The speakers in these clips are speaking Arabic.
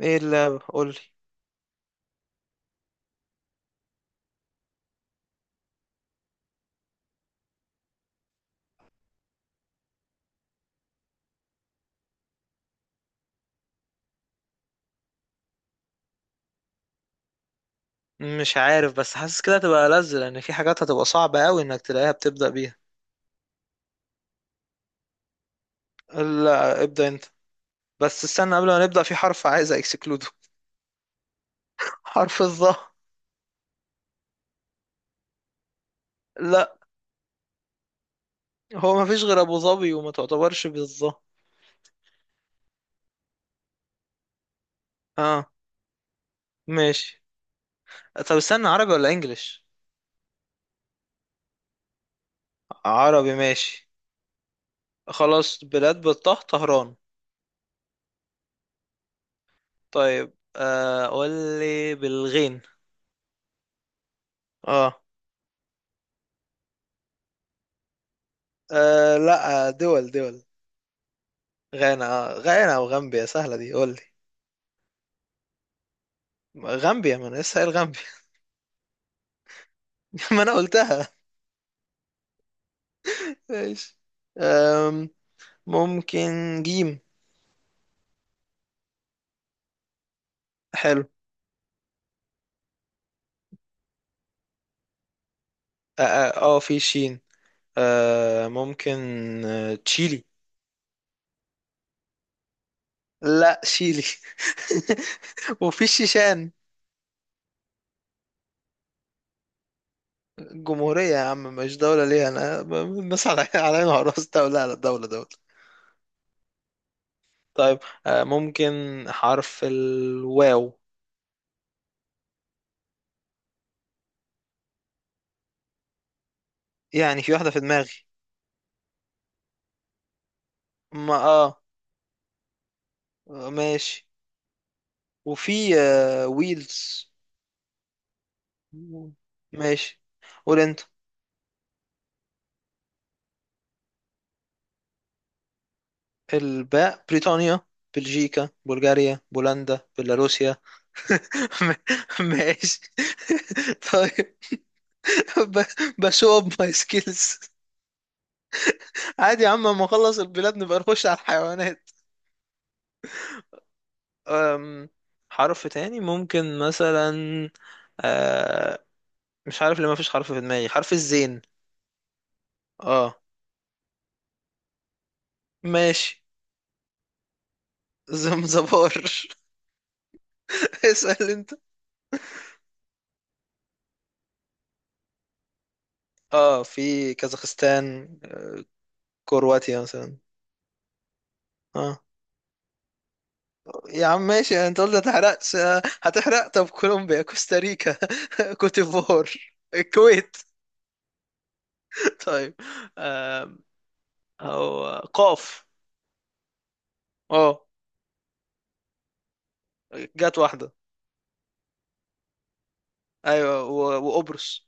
ايه اللعبة، قولي؟ مش عارف، بس حاسس كده هتبقى لذ لان في حاجات هتبقى صعبة قوي انك تلاقيها بتبدأ بيها. لا، ابدأ انت. بس استنى قبل ما نبدأ، في حرف عايز اكسكلوده. حرف الظا. لا، هو مفيش غير ابو ظبي، وما تعتبرش بالظا. اه ماشي. طب استنى، عربي ولا انجليش؟ عربي ماشي. خلاص، بلاد بالطه: طهران. طيب، قولي بالغين. اه، آه لا، دول دول. غانا آه. غانا وغامبيا سهلة، دي قولي. غامبيا، ما انا لسه قايل غامبيا. ما انا قلتها. ماشي. أم، ممكن جيم. حلو. اه، في شين. ممكن، تشيلي. لا، شيلي. وفي الشيشان. جمهورية يا عم، مش دولة ليه؟ انا الناس على عينها وراس، دولة على دولة دولة. طيب، ممكن حرف الواو. يعني في واحدة في دماغي. ما اه ماشي. وفي ويلز. ماشي، قول انت. الباء: بريطانيا، بلجيكا، بلغاريا، بولندا، بيلاروسيا. م- ماشي. طيب، بشو اب ماي سكيلز. عادي يا عم، اما اخلص البلاد نبقى نخش على الحيوانات. أم، حرف تاني ممكن مثلا، آه، مش عارف ليه ما فيش حرف في دماغي. حرف الزين. اه ماشي. زمزبار. اسأل انت. اه، في كازاخستان، كرواتيا مثلا. اه يا عم ماشي، انت قلت هتحرقش. هتحرق؟ طب كولومبيا، كوستاريكا، كوتيفوار، الكويت. طيب، آم، هو قاف. اه، جت واحدة. ايوه، وقبرص.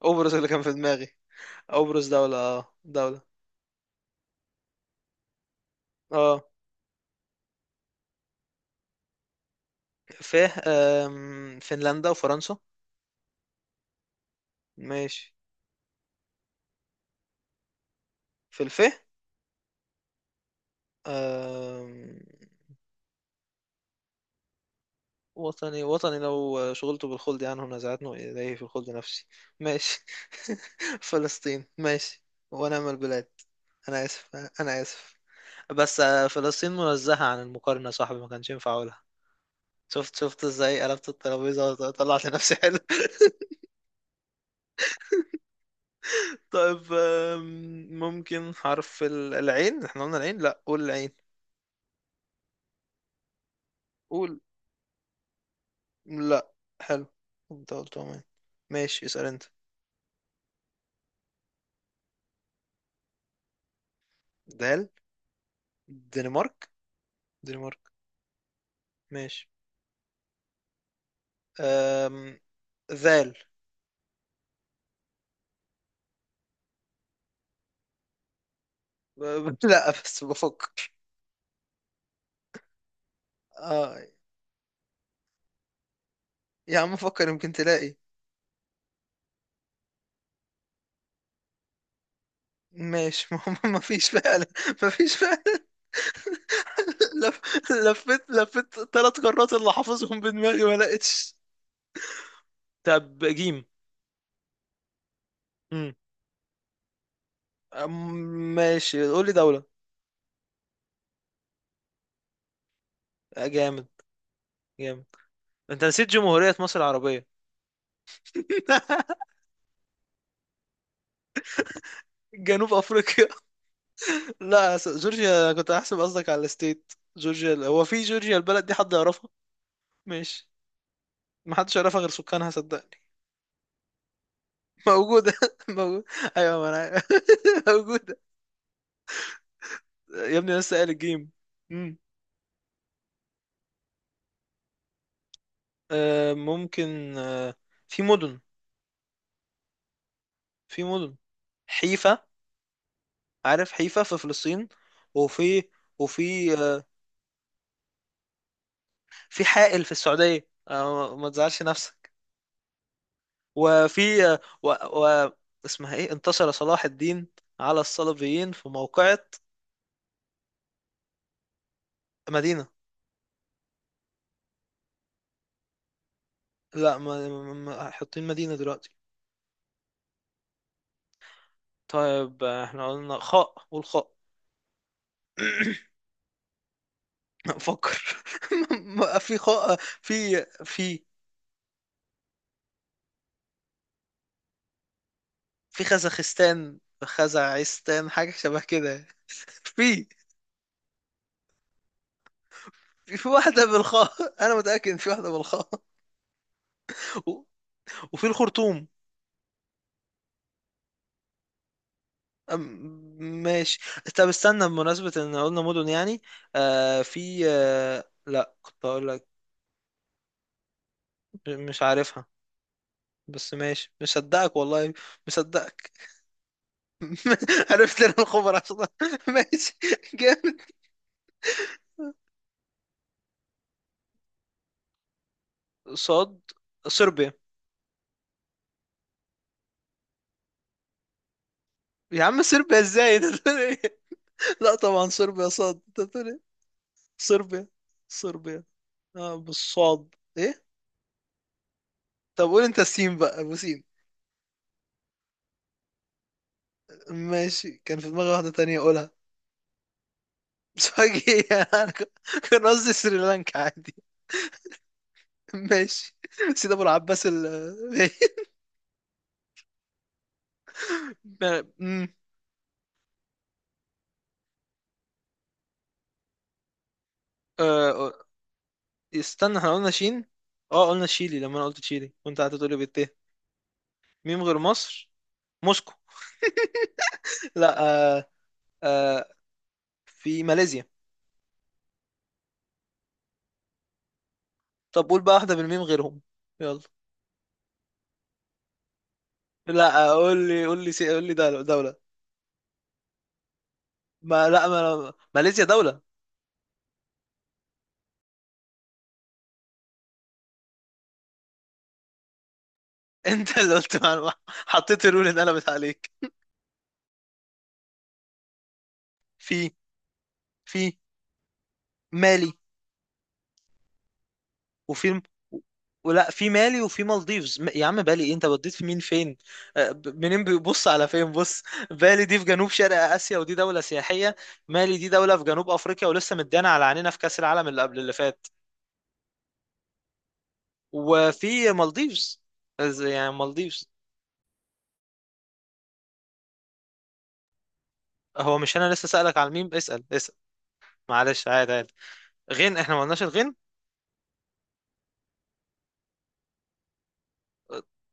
قبرص اللي كان في دماغي. قبرص دولة، اه دولة. اه، ف آم، فنلندا وفرنسا. ماشي. في الف. آم، وطني وطني لو شغلته بالخلد عنه نزعتنه إليه في الخلد نفسي. ماشي. فلسطين ماشي. ونعم البلاد. أنا آسف. أنا آسف. بس، فلسطين منزهة عن المقارنة يا صاحبي، ما كانش ينفع أقولها. شفت شفت ازاي قلبت الترابيزة وطلعت لنفسي؟ حلو. طيب، ممكن حرف العين. احنا قلنا العين؟ لا قول العين. قول. لا. حلو، انت قلت عمان. ماشي، اسأل انت. دال. دنمارك. دنمارك. ماشي. أم... ذال. ب... لا، بس بفكر. اه يا عم، فكر يمكن تلاقي. ماشي. ما هو ما فيش فعلا. ما فيش فعلا. لف... لفيت لفيت ثلاث قارات اللي حافظهم بدماغي ما لقيتش. طب جيم. مم. أم- ماشي، قول لي دولة. جامد. جامد. انت نسيت جمهورية مصر العربية. جنوب افريقيا. لا، جورجيا كنت احسب قصدك على الستيت جورجيا. هو في جورجيا البلد دي حد يعرفها؟ ماشي. ما حدش يعرفها غير سكانها، صدقني. موجودة. موجودة. أيوة، ما أنا عارف. موجودة. يا ابني، لسه قايل الجيم. مم. ممكن. في مدن في مدن حيفا. عارف حيفا في فلسطين. وفي وفي في حائل في السعودية. آه، ما تزعلش نفسك. وفي، آه و, و اسمها ايه؟ انتصر صلاح الدين على الصليبيين في موقعة. مدينة؟ لا، ما حاطين مدينة دلوقتي. طيب، احنا قلنا خاء؟ قول خاء. فكر. في في في في خزخستان، خزعستان، حاجة شبه كده. في في واحدة بالخاء، أنا متأكد إن في واحدة بالخاء. و- وفي الخرطوم. أم- ماشي. طب استنى، بمناسبة إن قلنا مدن يعني، في، لا كنت هقول لك. مش عارفها. بس ماشي، مصدقك والله. مصدقك. عرفت لنا الخبر عشان. ماشي. جامد. صاد. صربيا. يا عم صربيا ازاي؟ انت بتقول ايه؟ لا طبعا صربيا صاد، انت بتقول ايه؟ صربيا. صربيا. اه، بالصاد ايه. طب قول انت السين بقى، ابو سين. ماشي، كان في دماغي واحدة تانية اقولها بس فجأة. انا كان قصدي سريلانكا عادي. ماشي. سيد ابو العباس ال. ب- مم. آه، آه، استنى، احنا قلنا شين. اه قلنا تشيلي لما انا قلت تشيلي وانت قعدت تقولي بالت. ميم غير مصر. موسكو. لا، آه آه في ماليزيا. طب قول بقى واحدة بالميم غيرهم. يلا. لا، قول لي دولة، دولة. ما لا ما، ماليزيا دولة. انت اللي قلت معلومة، حطيت الرول ان قلبت عليك. في في مالي. وفي ولا في مالي وفي مالديفز. يا عم بالي ايه؟ انت بديت في مين فين؟ منين بيبص على فين بص. بالي دي في جنوب شرق اسيا، ودي دولة سياحية. مالي دي دولة في جنوب افريقيا، ولسه مدانا على عينينا في كأس العالم اللي قبل اللي فات. وفي مالديفز. يعني مالديفز. هو مش انا لسه سألك على الميم؟ اسأل اسأل. معلش، عادي عادي. غين. احنا ما قلناش الغين.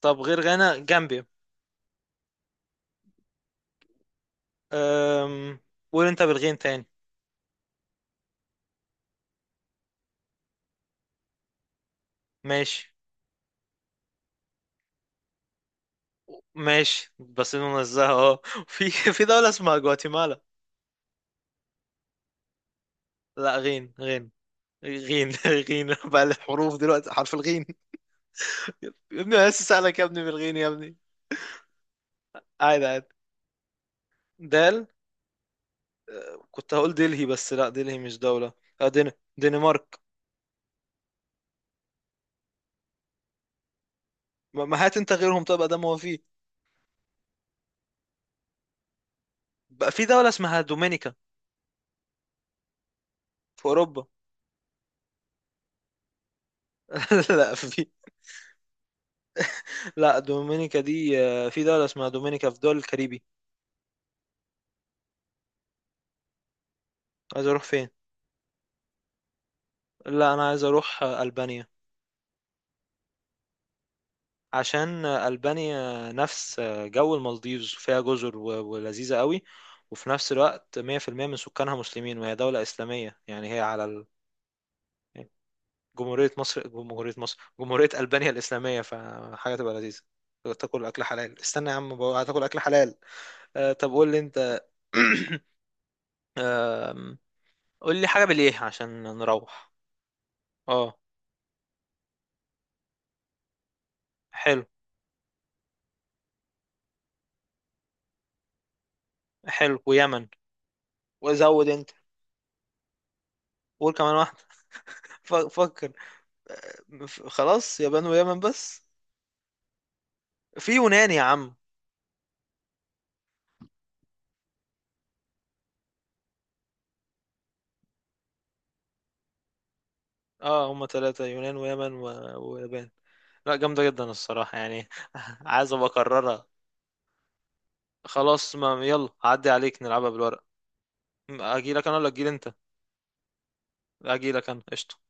طب غير غانا، جامبيا. أم... قول انت بالغين تاني. ماشي، ماشي، بس ننزهها اه. في في دولة اسمها جواتيمالا. لا غين غين. غين. غين بقى الحروف دلوقتي، حرف الغين. يا ابني انا لسه سألك يا ابني بالغين يا ابني. عادي عادي. دال. كنت هقول دلهي بس لا دلهي مش دولة. دنمارك. ما ما، هات انت غيرهم، طب ده ما هو فيه. بقى في دولة اسمها دومينيكا. في اوروبا. لا، في. لا، دومينيكا دي، في دولة اسمها دومينيكا في دول الكاريبي. عايز اروح فين؟ لا، انا عايز اروح البانيا. عشان البانيا نفس جو المالديفز، فيها جزر ولذيذة قوي. وفي نفس الوقت 100% من سكانها مسلمين، وهي دولة إسلامية. يعني هي على ال... جمهورية مصر، جمهورية مصر، جمهورية ألبانيا الإسلامية، فحاجة تبقى لذيذة. تاكل أكل حلال. استنى يا عم بقى، هتاكل أكل حلال. طب قول لي أنت. آم، قول لي حاجة بالإيه عشان نروح. اه. حلو. حلو ويمن. وزود انت. قول كمان واحدة. فكر. خلاص، يابان ويمن بس. في يونان يا عم. اه، هما ثلاثة: يونان، ويمن، و... ويابان. لا، جامدة جدا الصراحة يعني. عايز ابقى اكررها. خلاص، ما يلا عدي عليك، نلعبها بالورق. اجي لك انا ولا اجي انت؟ اجي لك انا، قشطة.